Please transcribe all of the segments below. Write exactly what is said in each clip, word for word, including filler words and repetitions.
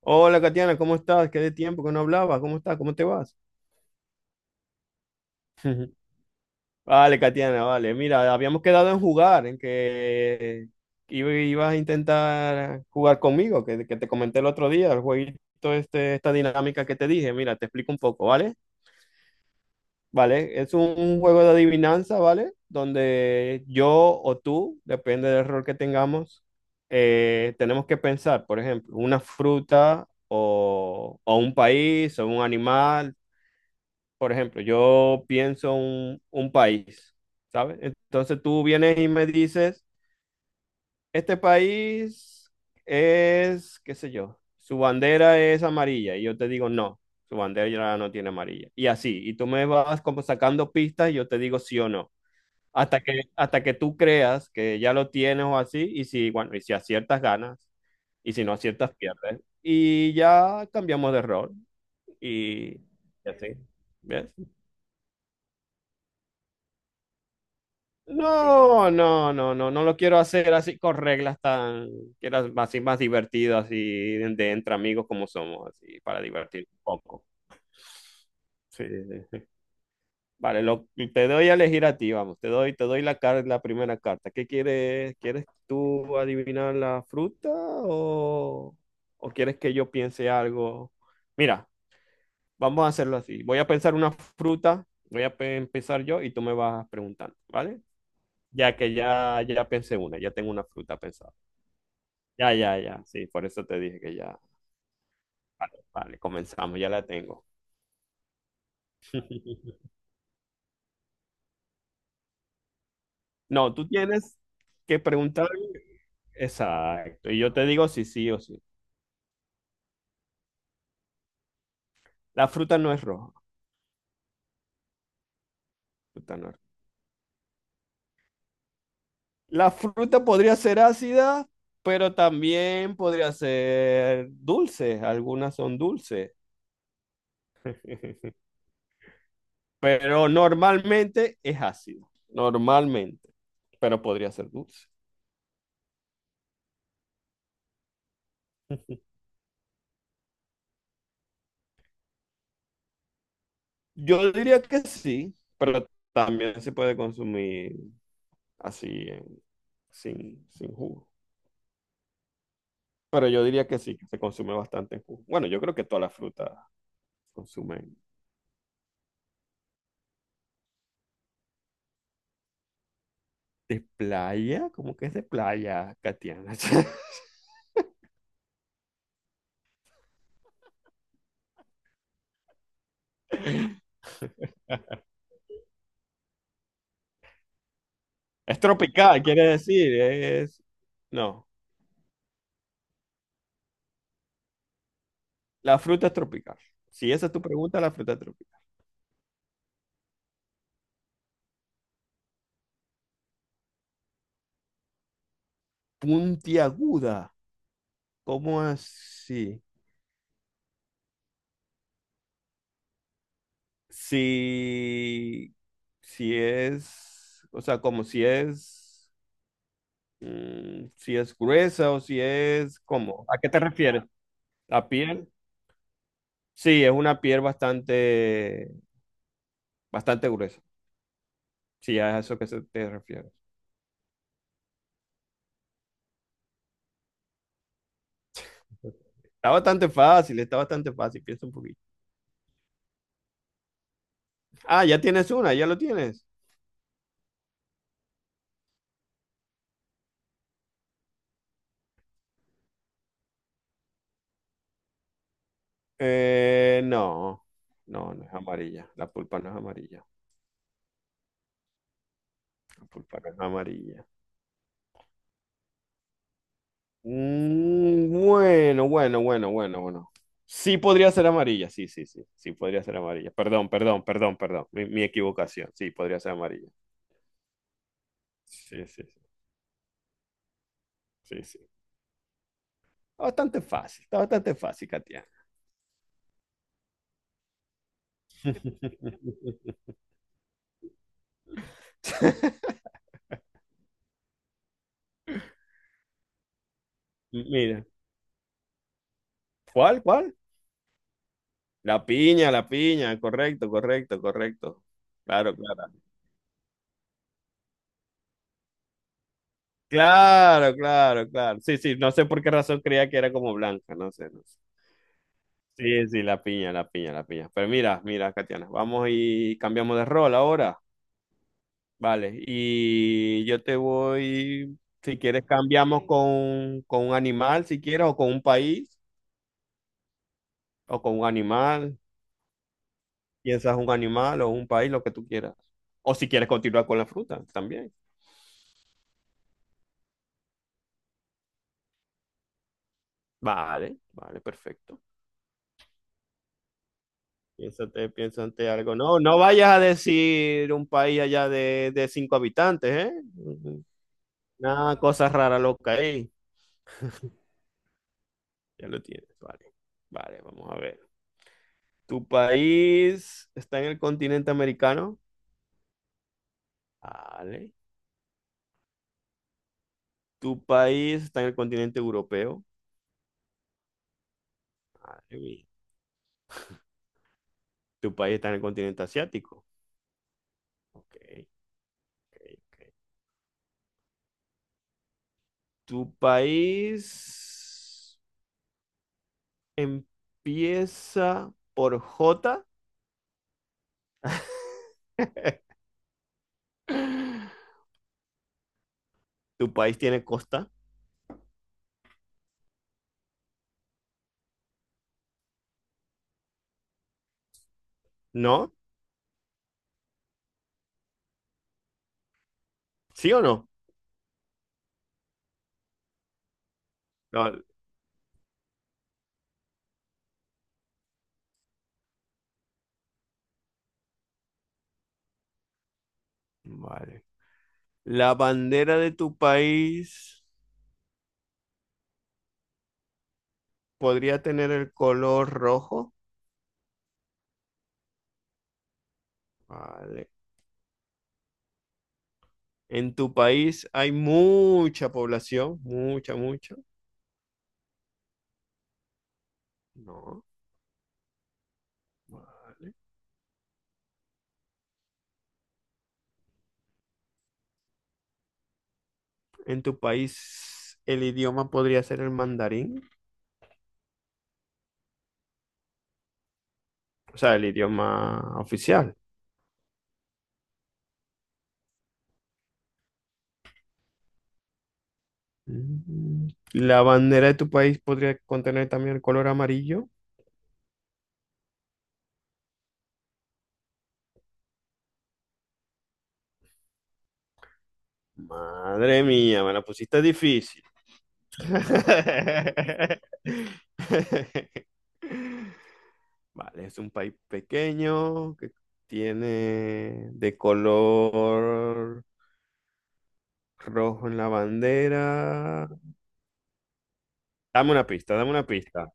Hola, Katiana, ¿cómo estás? Qué de tiempo que no hablabas. ¿Cómo estás? ¿Cómo te vas? Vale, Katiana, vale. Mira, habíamos quedado en jugar, en que iba- ibas a intentar jugar conmigo, que, que te comenté el otro día, el jueguito, este, esta dinámica que te dije. Mira, te explico un poco, ¿vale? Vale, es un, un juego de adivinanza, ¿vale? Donde yo o tú, depende del rol que tengamos, eh, tenemos que pensar, por ejemplo, una fruta o, o un país o un animal, por ejemplo, yo pienso un, un país, ¿sabes? Entonces tú vienes y me dices, este país es, qué sé yo, su bandera es amarilla. Y yo te digo, no, su bandera ya no tiene amarilla. Y así, y tú me vas como sacando pistas y yo te digo sí o no. Hasta que, hasta que tú creas que ya lo tienes o así, y si, bueno, y si aciertas ganas, y si no aciertas pierdes. Y ya cambiamos de rol, y, y así, ¿ves? No, no, no, no, no lo quiero hacer así con reglas tan, quiero as- así más divertido, así de, de entre amigos como somos, así para divertir un poco. Sí, sí, sí. Vale, lo, te doy a elegir a ti, vamos, te doy, te doy la car- la primera carta. ¿Qué quieres? ¿Quieres tú adivinar la fruta, o, o quieres que yo piense algo? Mira, vamos a hacerlo así. Voy a pensar una fruta, voy a pe- empezar yo y tú me vas preguntando, ¿vale? Ya que ya, ya pensé una, ya tengo una fruta pensada. Ya, ya, ya, sí, por eso te dije que ya. Vale, vale, comenzamos, ya la tengo. No, tú tienes que preguntar. Exacto, y yo te digo si sí o sí. La fruta no es roja. Fruta no es roja. La fruta podría ser ácida, pero también podría ser dulce. Algunas son dulces, pero normalmente es ácido. Normalmente, pero podría ser dulce. Yo diría que sí, pero también se puede consumir así, en- sin, sin jugo. Pero yo diría que sí, que se consume bastante en jugo. Bueno, yo creo que todas las frutas se consumen. ¿De playa? ¿Cómo que es de playa, Katiana? Es tropical, quiere decir, es... No, la fruta es tropical. Si esa es tu pregunta, la fruta es tropical. Puntiaguda, ¿cómo así? Si, si es, o sea, como si es, mm, si es gruesa o si es, ¿cómo? ¿A qué te refieres? ¿La piel? Sí, es una piel bastante, bastante gruesa. Sí, es a eso que se te refieres. Está bastante fácil, está bastante fácil, piensa un poquito. Ah, ya tienes una, ya lo tienes. Eh, no, no, no es amarilla. La pulpa no es amarilla. La pulpa no es amarilla. Mm, bueno, bueno, bueno, bueno, bueno. Sí podría ser amarilla, sí, sí, sí, sí podría ser amarilla. Perdón, perdón, perdón, perdón. Mi, mi equivocación, sí, podría ser amarilla. Sí, sí, sí, sí, sí. Está bastante fácil, está bastante fácil, Katia. Mira, ¿cuál, cuál? La piña, la piña, correcto, correcto, correcto. Claro, claro. Claro, claro, claro. Sí, sí, no sé por qué razón creía que era como blanca, no sé, no sé. Sí, sí, la piña, la piña, la piña. Pero mira, mira, Katiana, vamos y cambiamos de rol ahora. Vale, y yo te voy, si quieres, cambiamos con, con un animal, si quieres, o con un país, o con un animal. Piensas un animal o un país, lo que tú quieras. O si quieres continuar con la fruta, también. Vale, vale, perfecto. Piénsate, piénsate algo. No, no vayas a decir un país allá de, de cinco habitantes, ¿eh? Nada, cosas raras locas ahí. Ya lo tienes, vale. Vale, vamos a ver. ¿Tu país está en el continente americano? Vale. ¿Tu país está en el continente europeo? Vale, bien. ¿Tu país está en el continente asiático? Ok, ok, ok. ¿Tu país empieza por J? ¿Tu país tiene costa? ¿No? ¿Sí o no? No. Vale. ¿La bandera de tu país podría tener el color rojo? Vale. En tu país hay mucha población, mucha, mucha. No, vale. En tu país el idioma podría ser el mandarín, o sea, el idioma oficial. Mm. La bandera de tu país podría contener también el color amarillo. Madre mía, me la pusiste difícil. Vale, es un país pequeño que tiene de color rojo en la bandera. Dame una pista, dame una pista.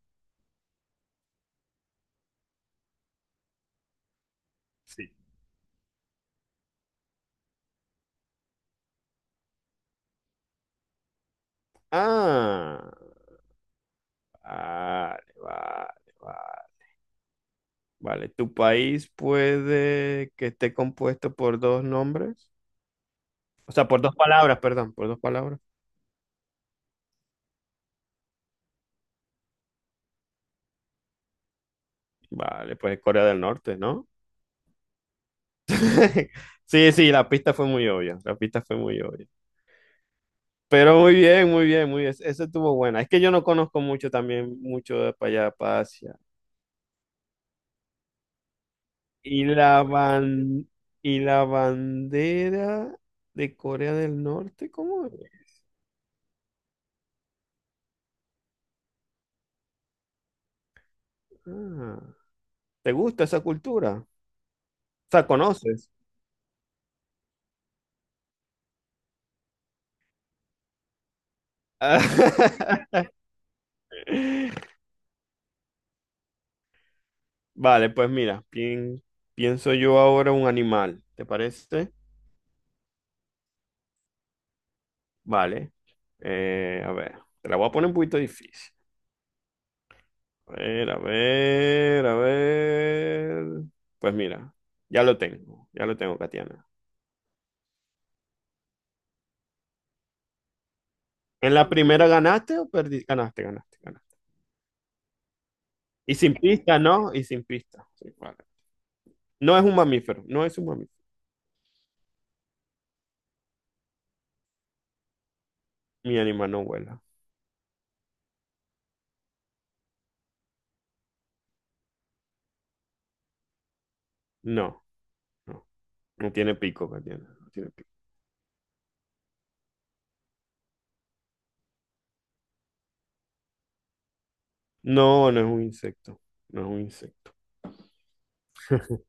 Sí. Ah, vale, vale, vale. Vale, ¿tu país puede que esté compuesto por dos nombres? O sea, por dos palabras, perdón, por dos palabras. Vale, pues Corea del Norte, ¿no? Sí, sí, la pista fue muy obvia, la pista fue muy obvia. Pero muy bien, muy bien, muy bien. Esa estuvo buena. Es que yo no conozco mucho también, mucho de para allá, para Asia. Y la ban- y la bandera de Corea del Norte, ¿cómo es? Ah, ¿te gusta esa cultura? O sea, ¿conoces? Vale, pues mira, pien- pienso yo ahora un animal, ¿te parece? Vale. Eh, a ver, te la voy a poner un poquito difícil. A ver, a ver, a ver. Pues mira, ya lo tengo, ya lo tengo, Katiana. ¿En la primera ganaste o perdiste? Ganaste, ganaste, ganaste. Y sin pista, ¿no? Y sin pista. Sí, vale. No es un mamífero, no es un mamífero. Mi animal no vuela. No, no. No tiene pico, Katiana. No tiene pico. No, no es un insecto. No es un insecto.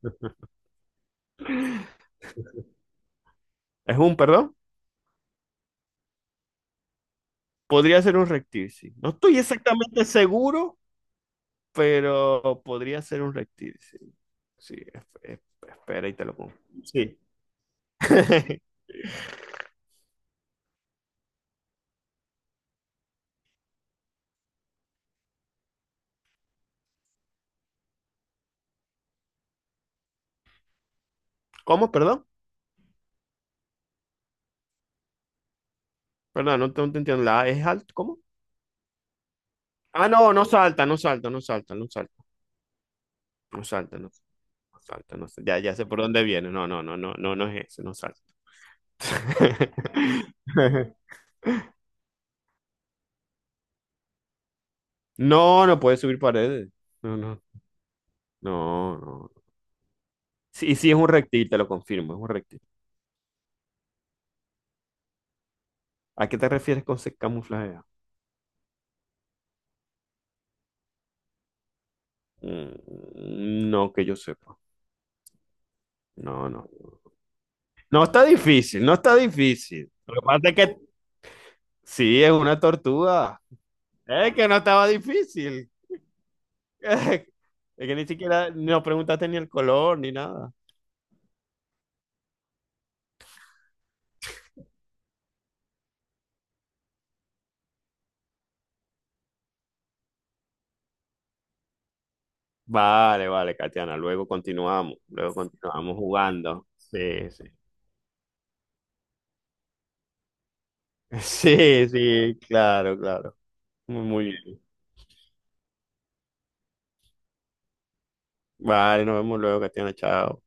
¿Es un, perdón? Podría ser un reptil, sí. No estoy exactamente seguro, pero podría ser un reptil, sí. Sí, es- es- espera y te lo pongo. Sí. ¿Cómo? Perdón. Perdón, no te, no te entiendo. ¿La A es alto? ¿Cómo? Ah, no, no salta, no salta, no salta, no salta, no salta, no, no salta, no salta. Ya, ya sé por dónde viene. No, no, no, no, no, no es ese, no salta. No, no puede subir paredes. No, no, no, no. Sí, sí, es un reptil, te lo confirmo, es un reptil. ¿A qué te refieres con se camuflajea? Mm, no que yo sepa. No, no. No está difícil, no está difícil. Lo que pasa es que sí, es una tortuga. Es que no estaba difícil. Es que ni siquiera nos preguntaste ni el color ni nada. Vale, vale, Katiana. Luego continuamos. Luego continuamos jugando. Sí, sí. Sí, sí, claro, claro. Muy, muy bien. Vale, nos vemos luego, Katiana. Chao.